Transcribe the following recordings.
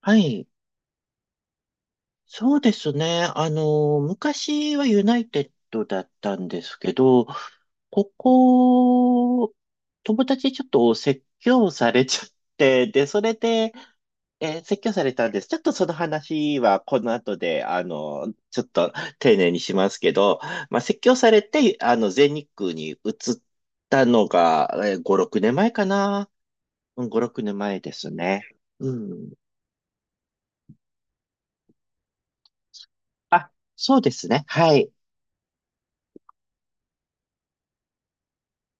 はい。そうですね。昔はユナイテッドだったんですけど、ここ、友達にちょっと説教されちゃって、で、それで、説教されたんです。ちょっとその話はこの後で、ちょっと丁寧にしますけど、まあ、説教されて、全日空に移ったのが、5、6年前かな。うん、5、6年前ですね。うん。あ、そうですね。はい。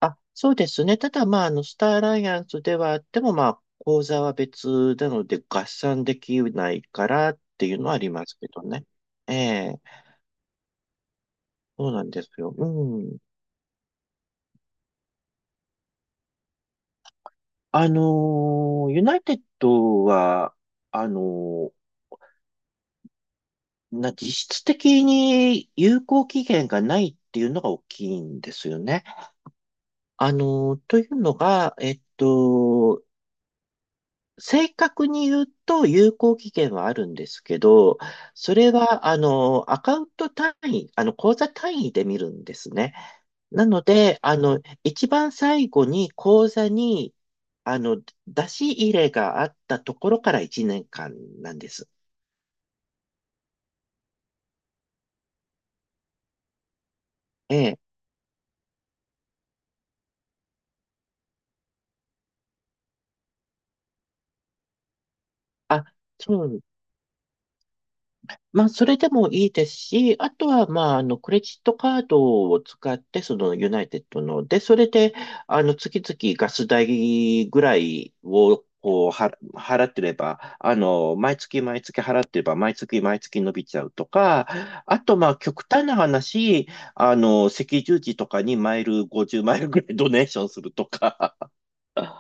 あ、そうですね。ただ、まあ、スターアライアンスではあっても、まあ、口座は別なので合算できないからっていうのはありますけどね。ええ、そうなんですよ。うん。ユナイテッドは、あのーな、実質的に有効期限がないっていうのが大きいんですよね。というのが、正確に言うと有効期限はあるんですけど、それは、アカウント単位、口座単位で見るんですね。なので、一番最後に口座に、あの、出し入れがあったところから1年間なんです。ええ。あ、そう、まあ、それでもいいですし、あとは、まあ、クレジットカードを使って、その、ユナイテッドの、で、それで、月々ガス代ぐらいを、こう、払ってれば、毎月毎月払ってれば、毎月毎月伸びちゃうとか、あと、まあ、極端な話、赤十字とかにマイル50マイルぐらいドネーションするとか、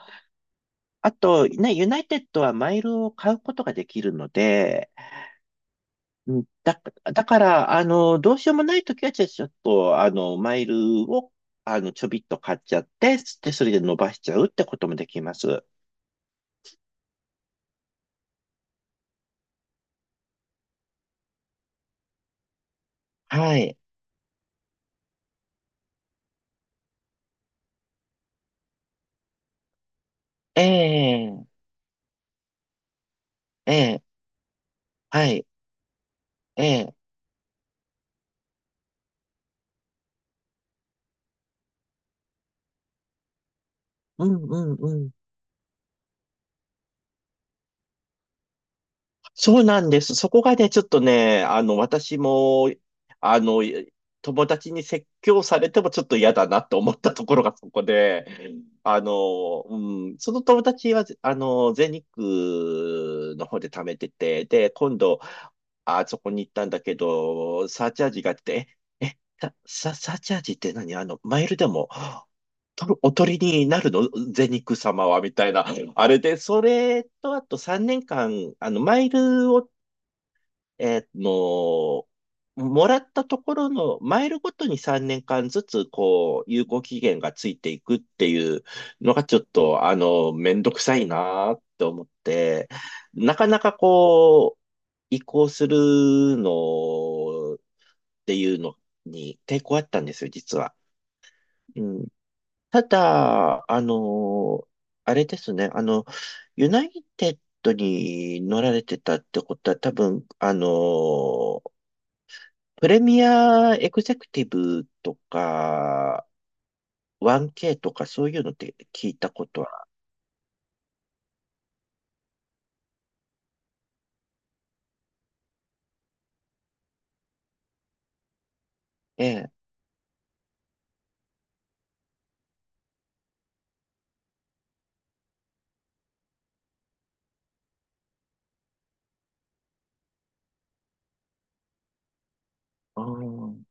あと、ね、ユナイテッドはマイルを買うことができるので、うん、だから、どうしようもないときは、じゃあちょっと、マイルを、ちょびっと買っちゃって、で、それで伸ばしちゃうってこともできます。はい。ええ、ええ、はい。ええ、うんうん、そうなんです。そこがね、ちょっとね、私も、あの、友達に説教されてもちょっと嫌だなと思ったところがそこで、うん、その友達は、全日空の方で貯めてて、で、今度、あそこに行ったんだけど、サーチャージがあって、え、え、サーチャージって何、マイルでもとるおとりになるのゼニク様は、みたいな。あれで、それと、あと3年間、マイルを、えーの、もらったところの、マイルごとに3年間ずつ、こう、有効期限がついていくっていうのが、ちょっと、めんどくさいなって思って、なかなかこう、移行するのっていうのに抵抗あったんですよ、実は。うん、ただ、あれですね、ユナイテッドに乗られてたってことは、多分、プレミアエグゼクティブとか、1K とかそういうのって聞いたことは、ええ、うん、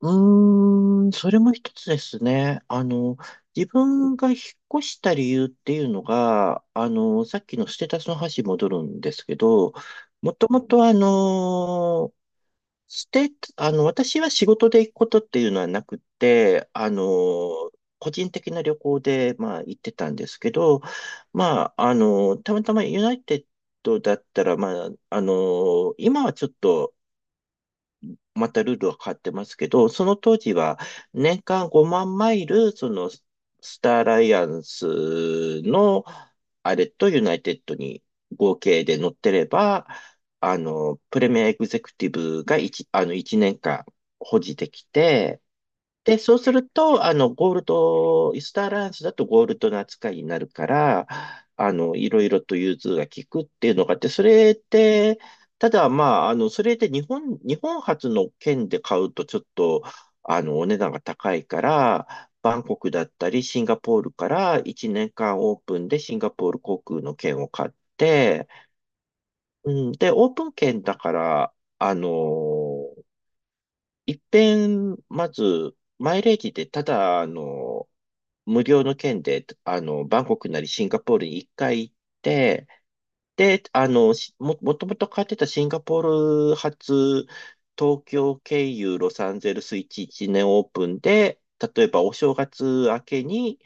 うーん、それも一つですね。自分が引っ越した理由っていうのが、さっきのステータスの話に戻るんですけど、もともとして、私は仕事で行くことっていうのはなくて、個人的な旅行で、まあ、行ってたんですけど、まあ、たまたまユナイテッドだったら、まあ、今はちょっと、またルールは変わってますけど、その当時は年間5万マイル、そのスターアライアンスのあれとユナイテッドに合計で乗ってれば、プレミアエグゼクティブが1、あの、1年間保持できて、で、そうすると、ゴールド、イスターアライアンスだとゴールドの扱いになるから、いろいろと融通が利くっていうのがあって、それで、ただ、まあ、それで日本発の券で買うとちょっと、お値段が高いから、バンコクだったり、シンガポールから1年間オープンでシンガポール航空の券を買って、うん、で、オープン券だから、一遍、まず、マイレージでただ、無料の券で、バンコクなりシンガポールに一回行って、で、もともと買ってたシンガポール発、東京経由ロサンゼルス11年オープンで、例えばお正月明けに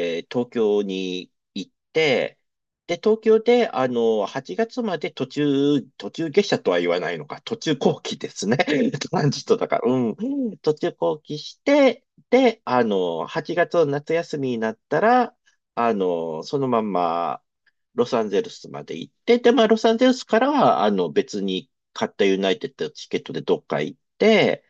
東京に行って、で、東京で、8月まで途中下車とは言わないのか、途中後期ですね。トランジットだから、うん。途中後期して、で、8月の夏休みになったら、そのまんま、ロサンゼルスまで行って、で、まあ、ロサンゼルスからは、別に買ったユナイテッドのチケットでどっか行って、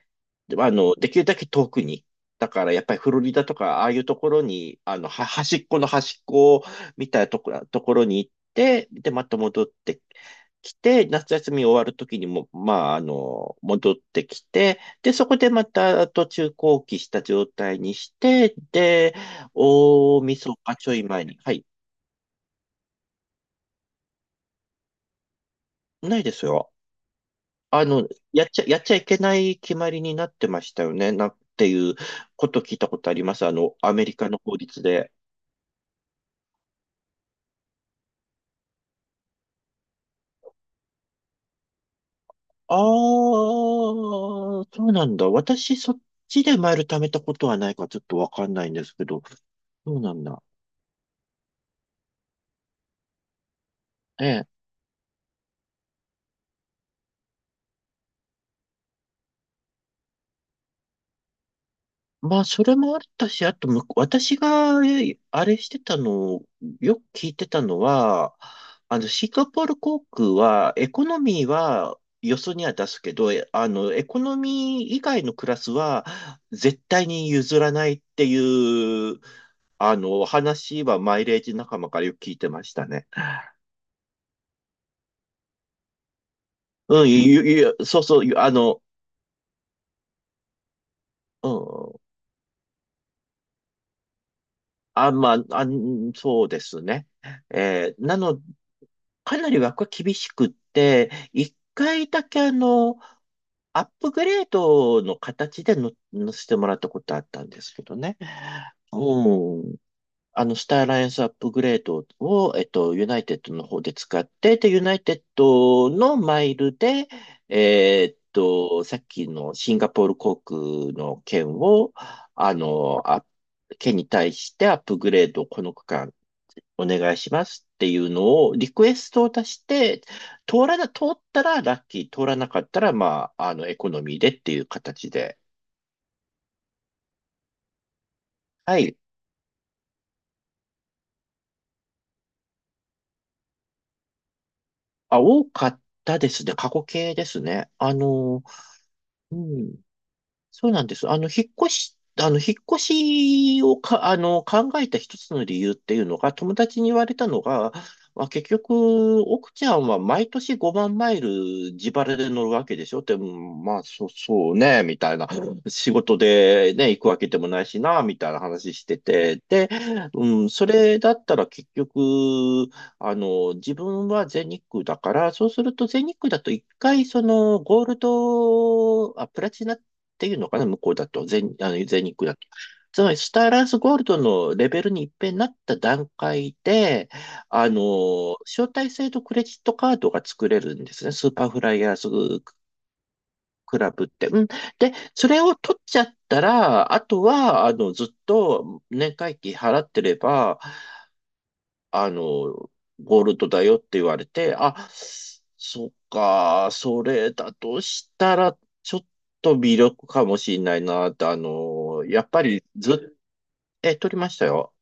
でまあの、できるだけ遠くに。だからやっぱりフロリダとか、ああいうところに、端っこの端っこみたいなところに行って、で、また戻ってきて、夏休み終わるときにも、まあ、戻ってきて、で、そこでまた途中後期した状態にして、で、大晦日ちょい前に。はい。ないですよ。あの、やっちゃいけない決まりになってましたよね。なっていうこと聞いたことあります。アメリカの法律で。ああ、そうなんだ。私、そっちでマイル貯めたことはないからちょっとわかんないんですけど、そうなんだ。ええ。まあ、それもあったし、あとむ、私が、えあれしてたの、よく聞いてたのは、シンガポール航空は、エコノミーは、よそには出すけど、えあの、エコノミー以外のクラスは、絶対に譲らないっていう、話はマイレージ仲間からよく聞いてましたね。うん、そうそう、ゆあの、うん、あ、まあ、あ、そうですね。えーなの、かなり枠は厳しくって、一回だけアップグレードの形での、乗せてもらったことあったんですけどね。うん。スターアライアンスアップグレードを、ユナイテッドの方で使って、で、ユナイテッドのマイルで、さっきのシンガポール航空の券を、あの、あ、券に対してアップグレードをこの区間お願いしますっていうのをリクエストを出して、通ったらラッキー、通らなかったら、まあ、エコノミーでっていう形で。はい。あ、多かったですね。過去形ですね。うん。そうなんです。引っ越しをか、考えた一つの理由っていうのが、友達に言われたのが、まあ、結局、奥ちゃんは毎年5万マイル自腹で乗るわけでしょって、うん、まあ、そうね、みたいな。仕事でね、行くわけでもないしな、みたいな話してて。で、うん、それだったら結局、自分は全日空だから、そうすると全日空だと一回、ゴールド、あ、プラチナっていうのかな、向こうだと、全、あの、全日空だと。つまり、スターアライアンスゴールドのレベルに一変なった段階で、招待制度クレジットカードが作れるんですね。スーパーフライヤーズクラブって。うん。で、それを取っちゃったら、あとは、ずっと年会費払ってれば、あの、ゴールドだよって言われて、あ、そっか、それだとしたら、ちょっと微力かもしれないなって、あの、やっぱりずっ、え、取りましたよ。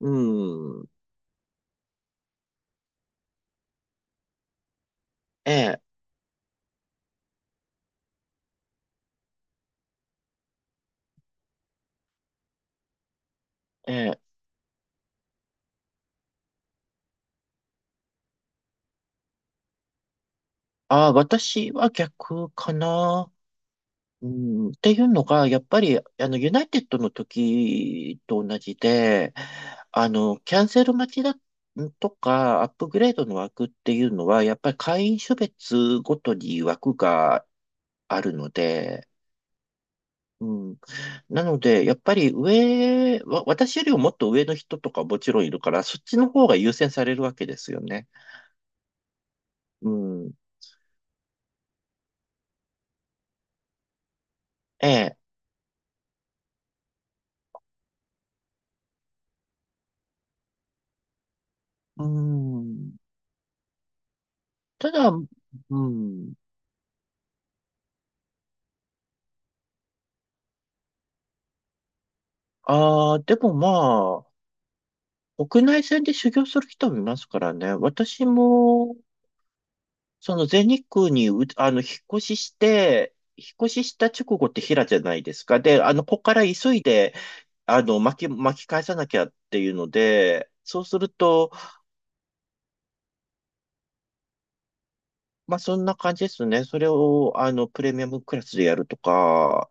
うん、ええ、ええ、あ、私は逆かな。うん、っていうのが、やっぱり、ユナイテッドの時と同じで、キャンセル待ちだとか、アップグレードの枠っていうのは、やっぱり会員種別ごとに枠があるので、うん、なので、やっぱり私よりももっと上の人とかもちろんいるから、そっちの方が優先されるわけですよね。うん、ええ、うん、ただ、うん、ああ、でもまあ、国内線で修行する人もいますからね。私も、その全日空にう、あの、引っ越しして、引っ越しした直後って平じゃないですか。で、ここから急いで、巻き返さなきゃっていうので、そうすると、まあ、そんな感じですね。それを、プレミアムクラスでやるとか、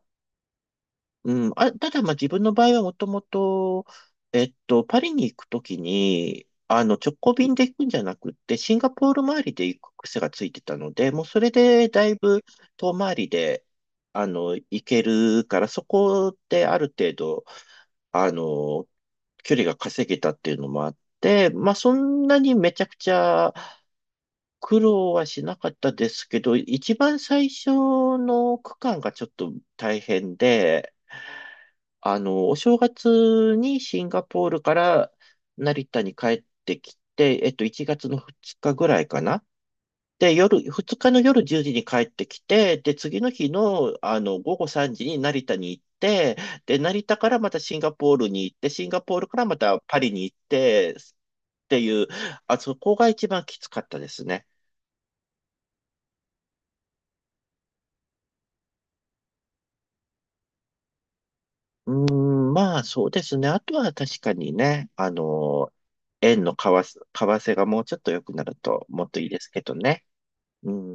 うん、あ、ただ、まあ、自分の場合はもともと、パリに行くときに、直行便で行くんじゃなくって、シンガポール周りで行く癖がついてたので、もうそれでだいぶ遠回りで、行けるから、そこである程度、あの、距離が稼げたっていうのもあって、まあ、そんなにめちゃくちゃ苦労はしなかったですけど、一番最初の区間がちょっと大変で、お正月にシンガポールから成田に帰ってきて、1月の2日ぐらいかな。で、夜、2日の夜10時に帰ってきて、で、次の日の、午後3時に成田に行って、で、成田からまたシンガポールに行って、シンガポールからまたパリに行って、っていう、あそこが一番きつかったですね。うーん、まあそうですね。あとは確かにね、円の為替がもうちょっと良くなるともっといいですけどね。うん。